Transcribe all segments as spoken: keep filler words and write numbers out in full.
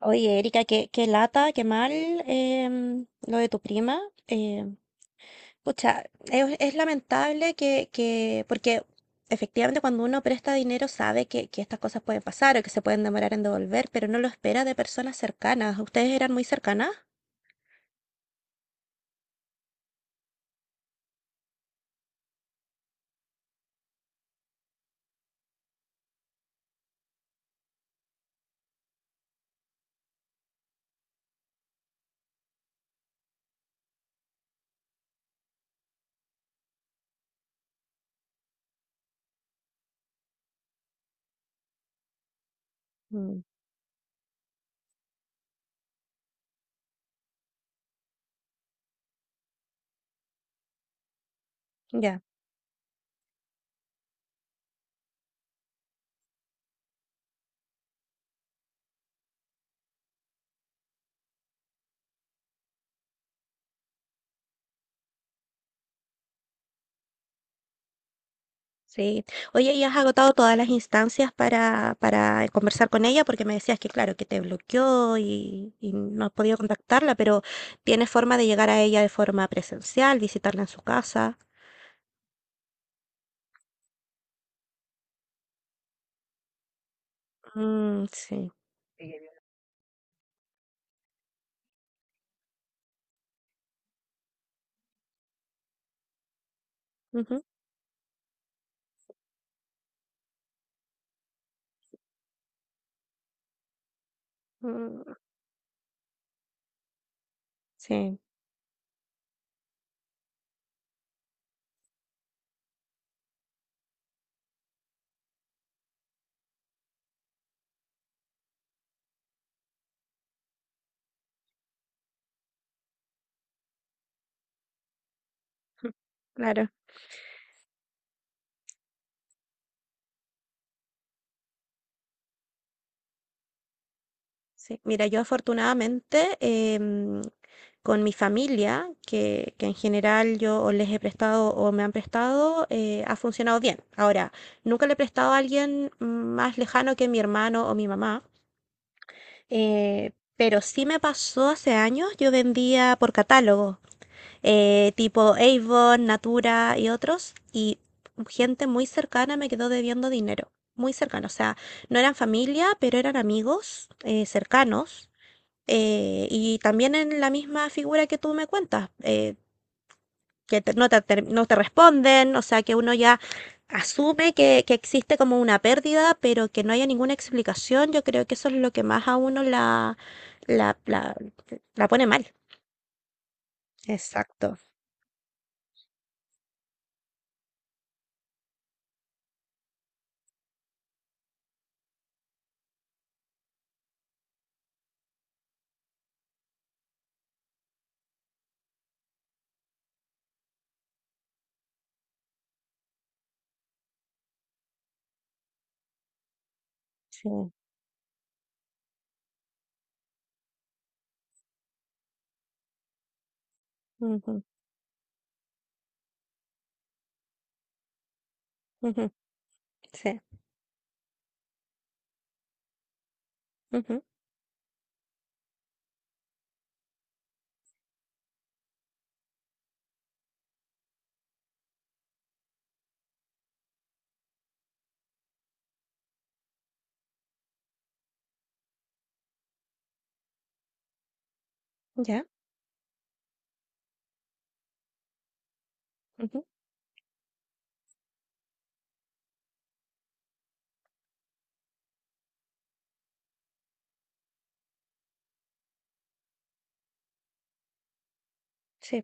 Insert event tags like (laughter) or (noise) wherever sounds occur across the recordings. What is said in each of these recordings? Oye, Erika, qué, qué lata, qué mal em, lo de tu prima. em, pucha, es, es lamentable que, que, porque efectivamente cuando uno presta dinero sabe que, que estas cosas pueden pasar o que se pueden demorar en devolver, pero no lo espera de personas cercanas. ¿Ustedes eran muy cercanas? Mm, ya. Sí. Oye, ¿y has agotado todas las instancias para, para conversar con ella? Porque me decías que, claro, que te bloqueó y, y no has podido contactarla, pero ¿tienes forma de llegar a ella de forma presencial, visitarla en su casa? Mm, sí. Ujú. Mm, sí, (laughs) claro. Sí, mira, yo afortunadamente em, con mi familia, que, que en general yo o les he prestado o me han prestado, eh, ha funcionado bien. Ahora, nunca le he prestado a alguien más lejano que mi hermano o mi mamá, eh, pero sí me pasó hace años, yo vendía por catálogo, eh, tipo Avon, Natura y otros, y gente muy cercana me quedó debiendo dinero, muy cercana, o sea, no eran familia, pero eran amigos eh, cercanos eh, y también en la misma figura que tú me cuentas, eh, que te- no te, ter- no te responden, o sea, que uno ya asume que, que existe como una pérdida, pero que no haya ninguna explicación, yo creo que eso es lo que más a uno la, la, la, la pone mal. Exacto. Sí. Ujú, ujú, sí. Ujú, ya. Ujú, sí.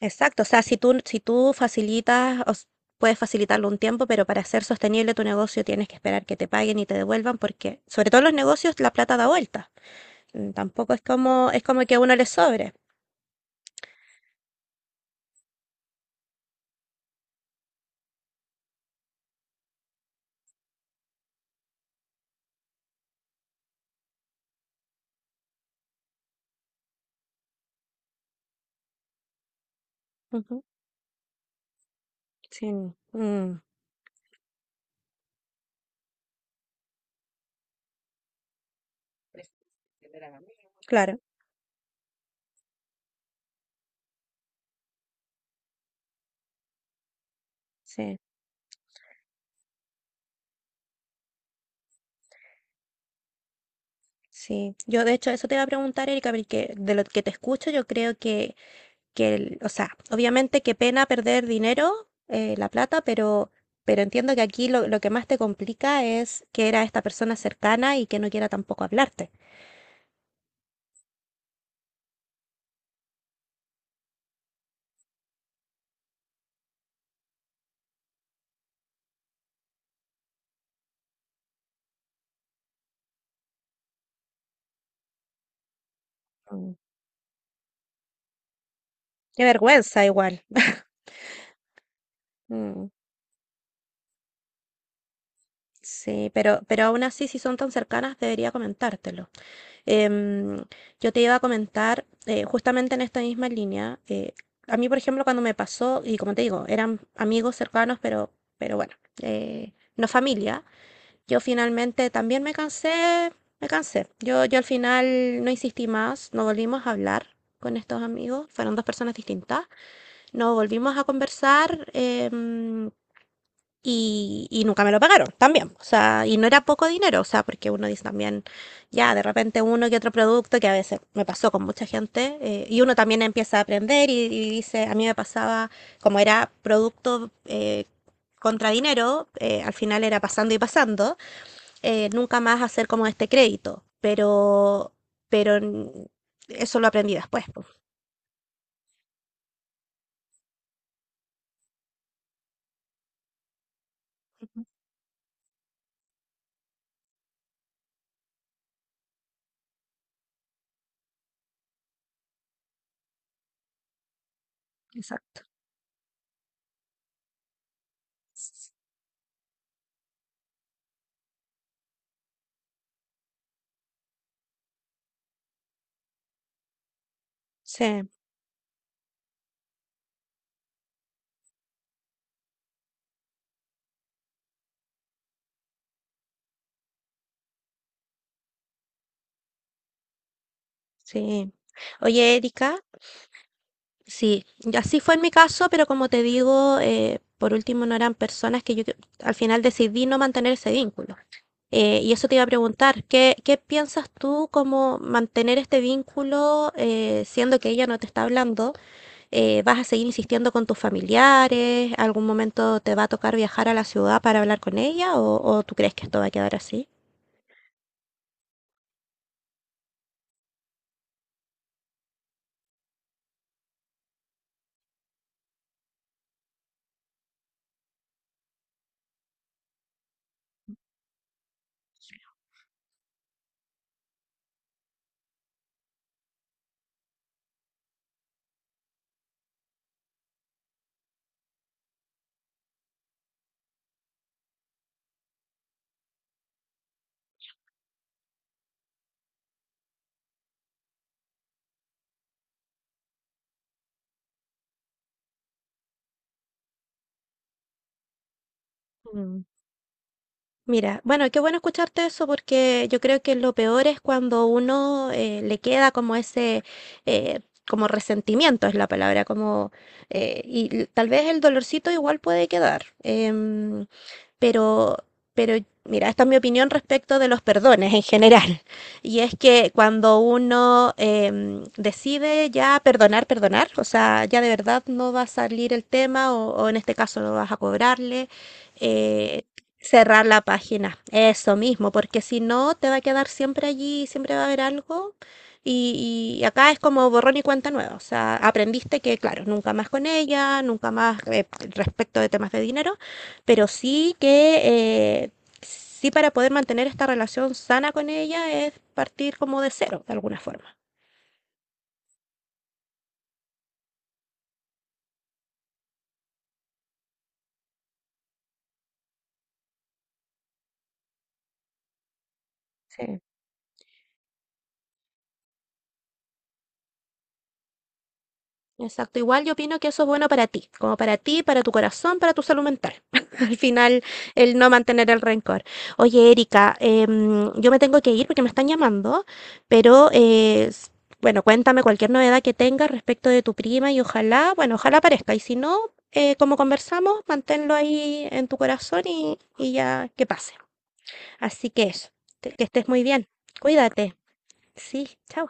Exacto, o sea, si tú, si tú facilitas, o s- puedes facilitarlo un tiempo, pero para hacer sostenible tu negocio tienes que esperar que te paguen y te devuelvan, porque sobre todo en los negocios la plata da vuelta. Mm, tampoco es como, es como que a uno le sobre. Ujú. Sí, mm, claro, sí. Sí, yo de hecho eso te iba a preguntar, Erika, porque de lo que te escucho yo creo que, que el- o sea, obviamente qué pena perder dinero, eh, la plata, pero, pero entiendo que aquí lo, lo que más te complica es que era esta persona cercana y que no quiera tampoco hablarte. Mm. Qué vergüenza igual. (laughs) Mm, sí, pero, pero aún así si son tan cercanas debería comentártelo. Em, yo te iba a comentar, eh, justamente en esta misma línea, eh, a mí, por ejemplo, cuando me pasó, y como te digo, eran amigos cercanos, pero, pero bueno, eh, no familia, yo finalmente también me cansé, me cansé. Yo, yo al final no insistí más, no volvimos a hablar con estos amigos, fueron dos personas distintas, no volvimos a conversar, em, y, y nunca me lo pagaron también. O sea, y no era poco dinero, o sea, porque uno dice también, ya, de repente uno que otro producto, que a veces me pasó con mucha gente, eh, y uno también empieza a aprender y, y dice, a mí me pasaba, como era producto eh, contra dinero, eh, al final era pasando y pasando, eh, nunca más hacer como este crédito, pero, pero n- eso lo aprendí después. Po. Ujú, exacto. Sí, sí. Oye, Erika. Sí, y así fue en mi caso, pero como te digo, eh, por último no eran personas que yo que- al final decidí no mantener ese vínculo. Eh, y eso te iba a preguntar, ¿qué, qué piensas tú como mantener este vínculo eh, siendo que ella no te está hablando? Eh, ¿vas a seguir insistiendo con tus familiares? ¿Algún momento te va a tocar viajar a la ciudad para hablar con ella? ¿O, o tú crees que esto va a quedar así? Mira, bueno, qué bueno escucharte eso porque yo creo que lo peor es cuando uno eh, le queda como ese, eh, como resentimiento es la palabra, como, eh, y l- tal vez el dolorcito igual puede quedar. em, pero, pero mira, esta es mi opinión respecto de los perdones en general. (laughs) Y es que cuando uno eh, decide ya perdonar, perdonar, o sea, ya de verdad no va a salir el tema o, o en este caso no vas a cobrarle, eh, cerrar la página, eso mismo, porque si no te va a quedar siempre allí, siempre va a haber algo. Y, y acá es como borrón y cuenta nueva, o sea, aprendiste que, claro, nunca más con ella, nunca más eh, respecto de temas de dinero pero sí que eh, sí para poder mantener esta relación sana con ella es partir como de cero, de alguna forma. Sí. Exacto, igual yo opino que eso es bueno para ti, como para ti, para tu corazón, para tu salud mental. (laughs) Al final, el no mantener el rencor. Oye, Erika, em, yo me tengo que ir porque me están llamando, pero eh, s- bueno, cuéntame cualquier novedad que tengas respecto de tu prima y ojalá, bueno, ojalá aparezca. Y si no, eh, como conversamos, manténlo ahí en tu corazón y, y ya que pase. Así que eso, te- que estés muy bien. Cuídate. Sí, chao.